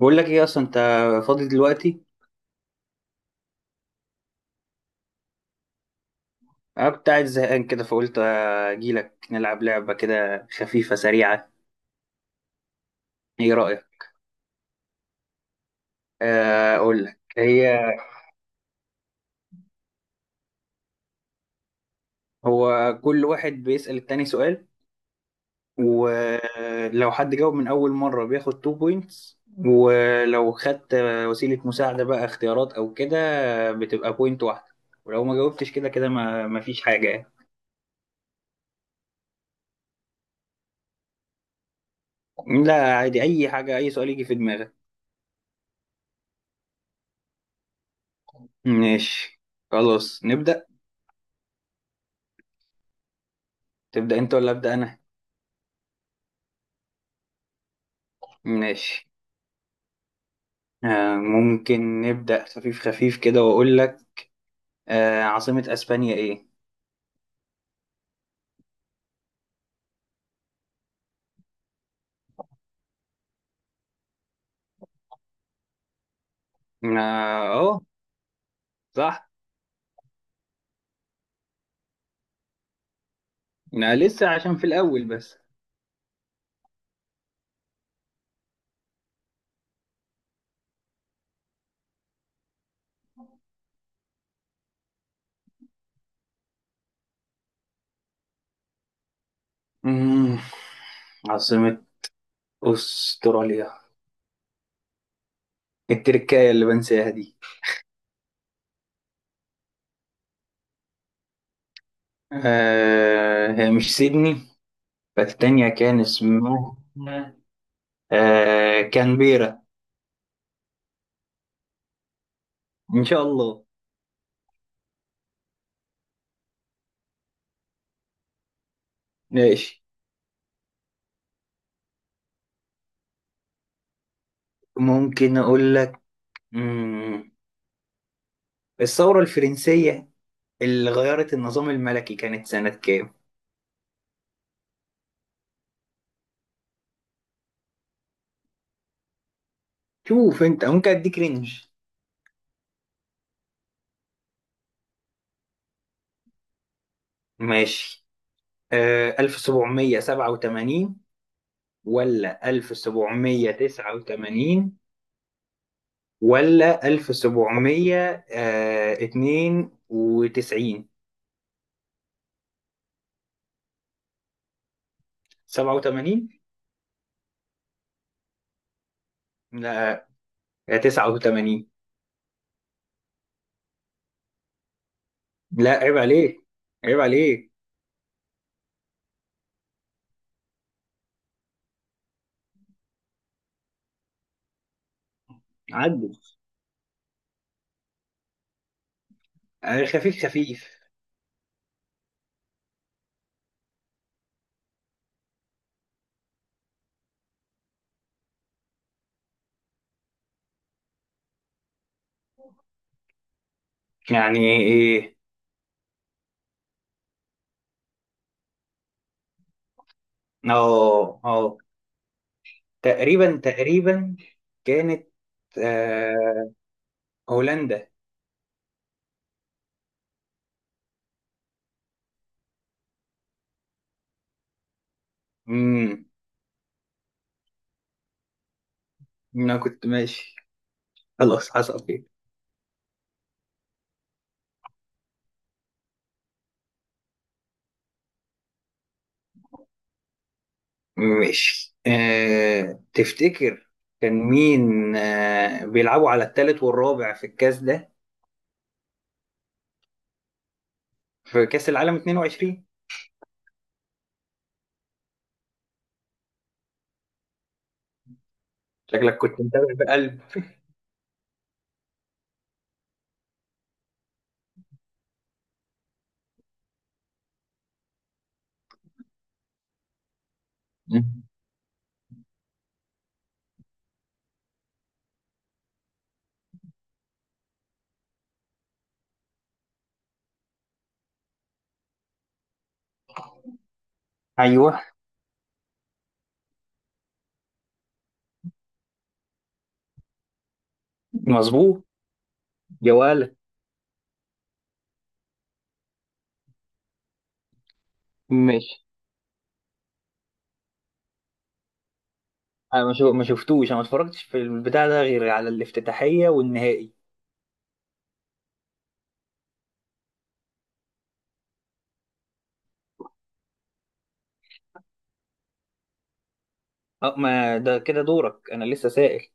بقول لك ايه اصلا انت فاضي دلوقتي؟ انا كنت قاعد زهقان كده فقلت اجي لك نلعب لعبه كده خفيفه سريعه. ايه رايك؟ اقول لك هي. هو كل واحد بيسال التاني سؤال، ولو حد جاوب من اول مره بياخد 2 بوينتس، ولو خدت وسيله مساعده بقى اختيارات او كده بتبقى بوينت واحده، ولو ما جاوبتش كده كده ما فيش حاجه يعني. لا عادي اي حاجه، اي سؤال يجي في دماغك. ماشي، خلاص نبدا. تبدا انت ولا ابدا انا؟ ماشي. ممكن نبدأ خفيف خفيف كده وأقول لك، عاصمة أسبانيا إيه؟ آه أهو. صح. أنا لسه عشان في الأول بس. مم. عاصمة أستراليا التركاية اللي بنساها دي، هي مش سيدني. فالتانية كان اسمها كانبيرا. إن شاء الله. ماشي، ممكن أقول لك. مم. الثورة الفرنسية اللي غيرت النظام الملكي كانت سنة كام؟ شوف انت ممكن اديك رينج. ماشي. 1787 ولا 1789 ولا 1792؟ 87؟ لا. 89. لا عيب عليك، عيب عليك، عدل. خفيف خفيف. يعني ايه؟ اه اه. تقريبا تقريبا كانت، آه هولندا. امم. انا كنت ماشي، خلاص حصل خير. ماشي. تفتكر كان مين بيلعبوا على الثالث والرابع في الكاس ده؟ في كاس العالم 22. شكلك كنت متابع بقلب. مم. ايوه مظبوط يا ولد. ماشي. انا ما شفتوش، انا ما اتفرجتش في البتاع ده غير على الافتتاحيه والنهائي. اه. ما ده كده دورك، انا لسه سائل.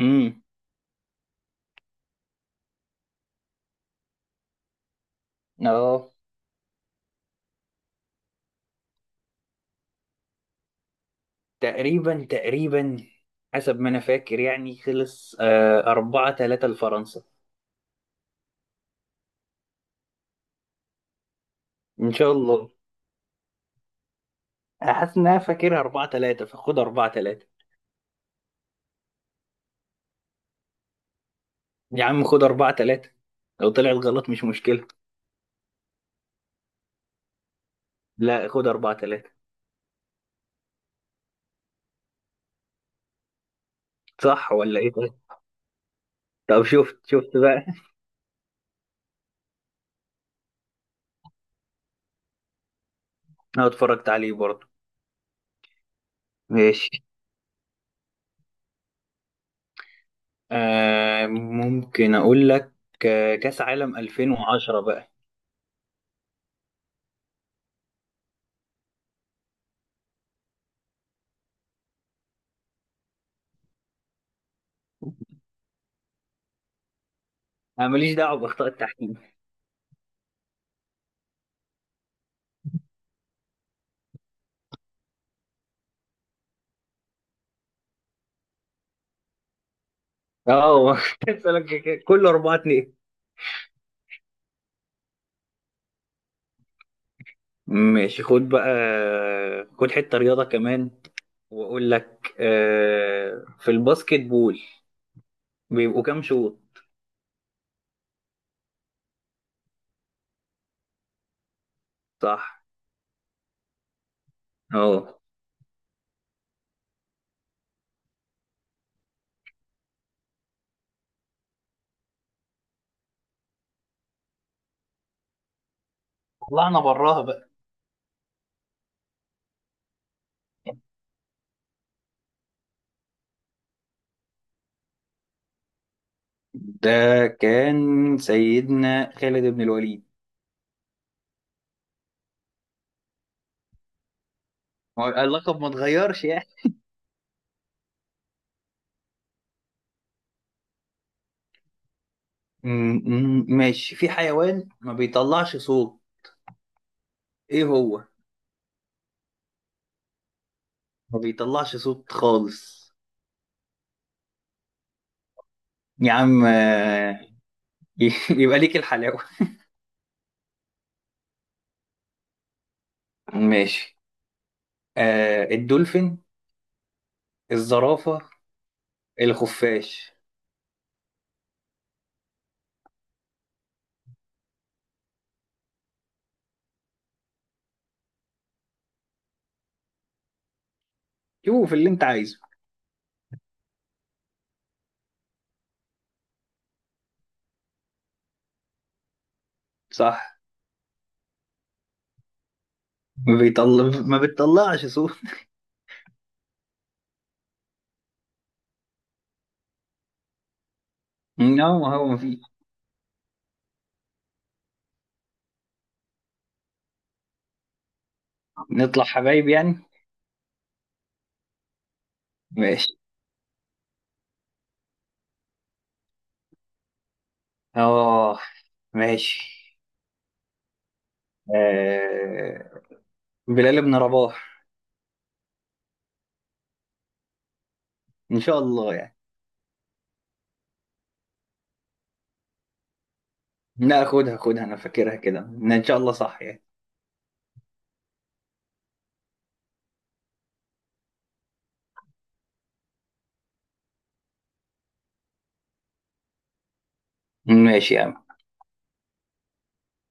امم. اه. تقريبا تقريبا حسب ما انا فاكر يعني خلص 4-3 لفرنسا. ان شاء الله. حاسس ان انا فاكرها 4-3، فخد 4-3. يا عم خد 4-3، لو طلعت غلط مش مشكلة. لا، خد 4-3. صح ولا ايه؟ طيب. طب شفت شفت بقى. انا اتفرجت عليه برضه. ماشي. ممكن اقول لك، كاس عالم 2010 بقى. انا ماليش دعوة باخطاء التحكيم. اه كنت هسألك كده. كله 4-2. ماشي، خد بقى. خد حتة رياضة كمان واقول لك، في الباسكت بول بيبقوا كام شوط؟ صح. اه. طلعنا براها بقى. ده كان سيدنا خالد بن الوليد. هو اللقب ما اتغيرش يعني. م- ماشي. في حيوان ما بيطلعش صوت، ايه هو؟ ما بيطلعش صوت خالص. يا عم يبقى ليك الحلاوة. ماشي. الدولفين، الزرافة، الخفاش. شوف اللي انت عايزه. صح. ما بتطلعش صوت. لا ما هو ما فيه. نطلع حبايب يعني. ماشي. اه. ماشي. آه بلال بن رباح. ان شاء الله يعني. لا، خدها خدها انا فاكرها كده ان شاء الله صح يعني. ماشي يا عم.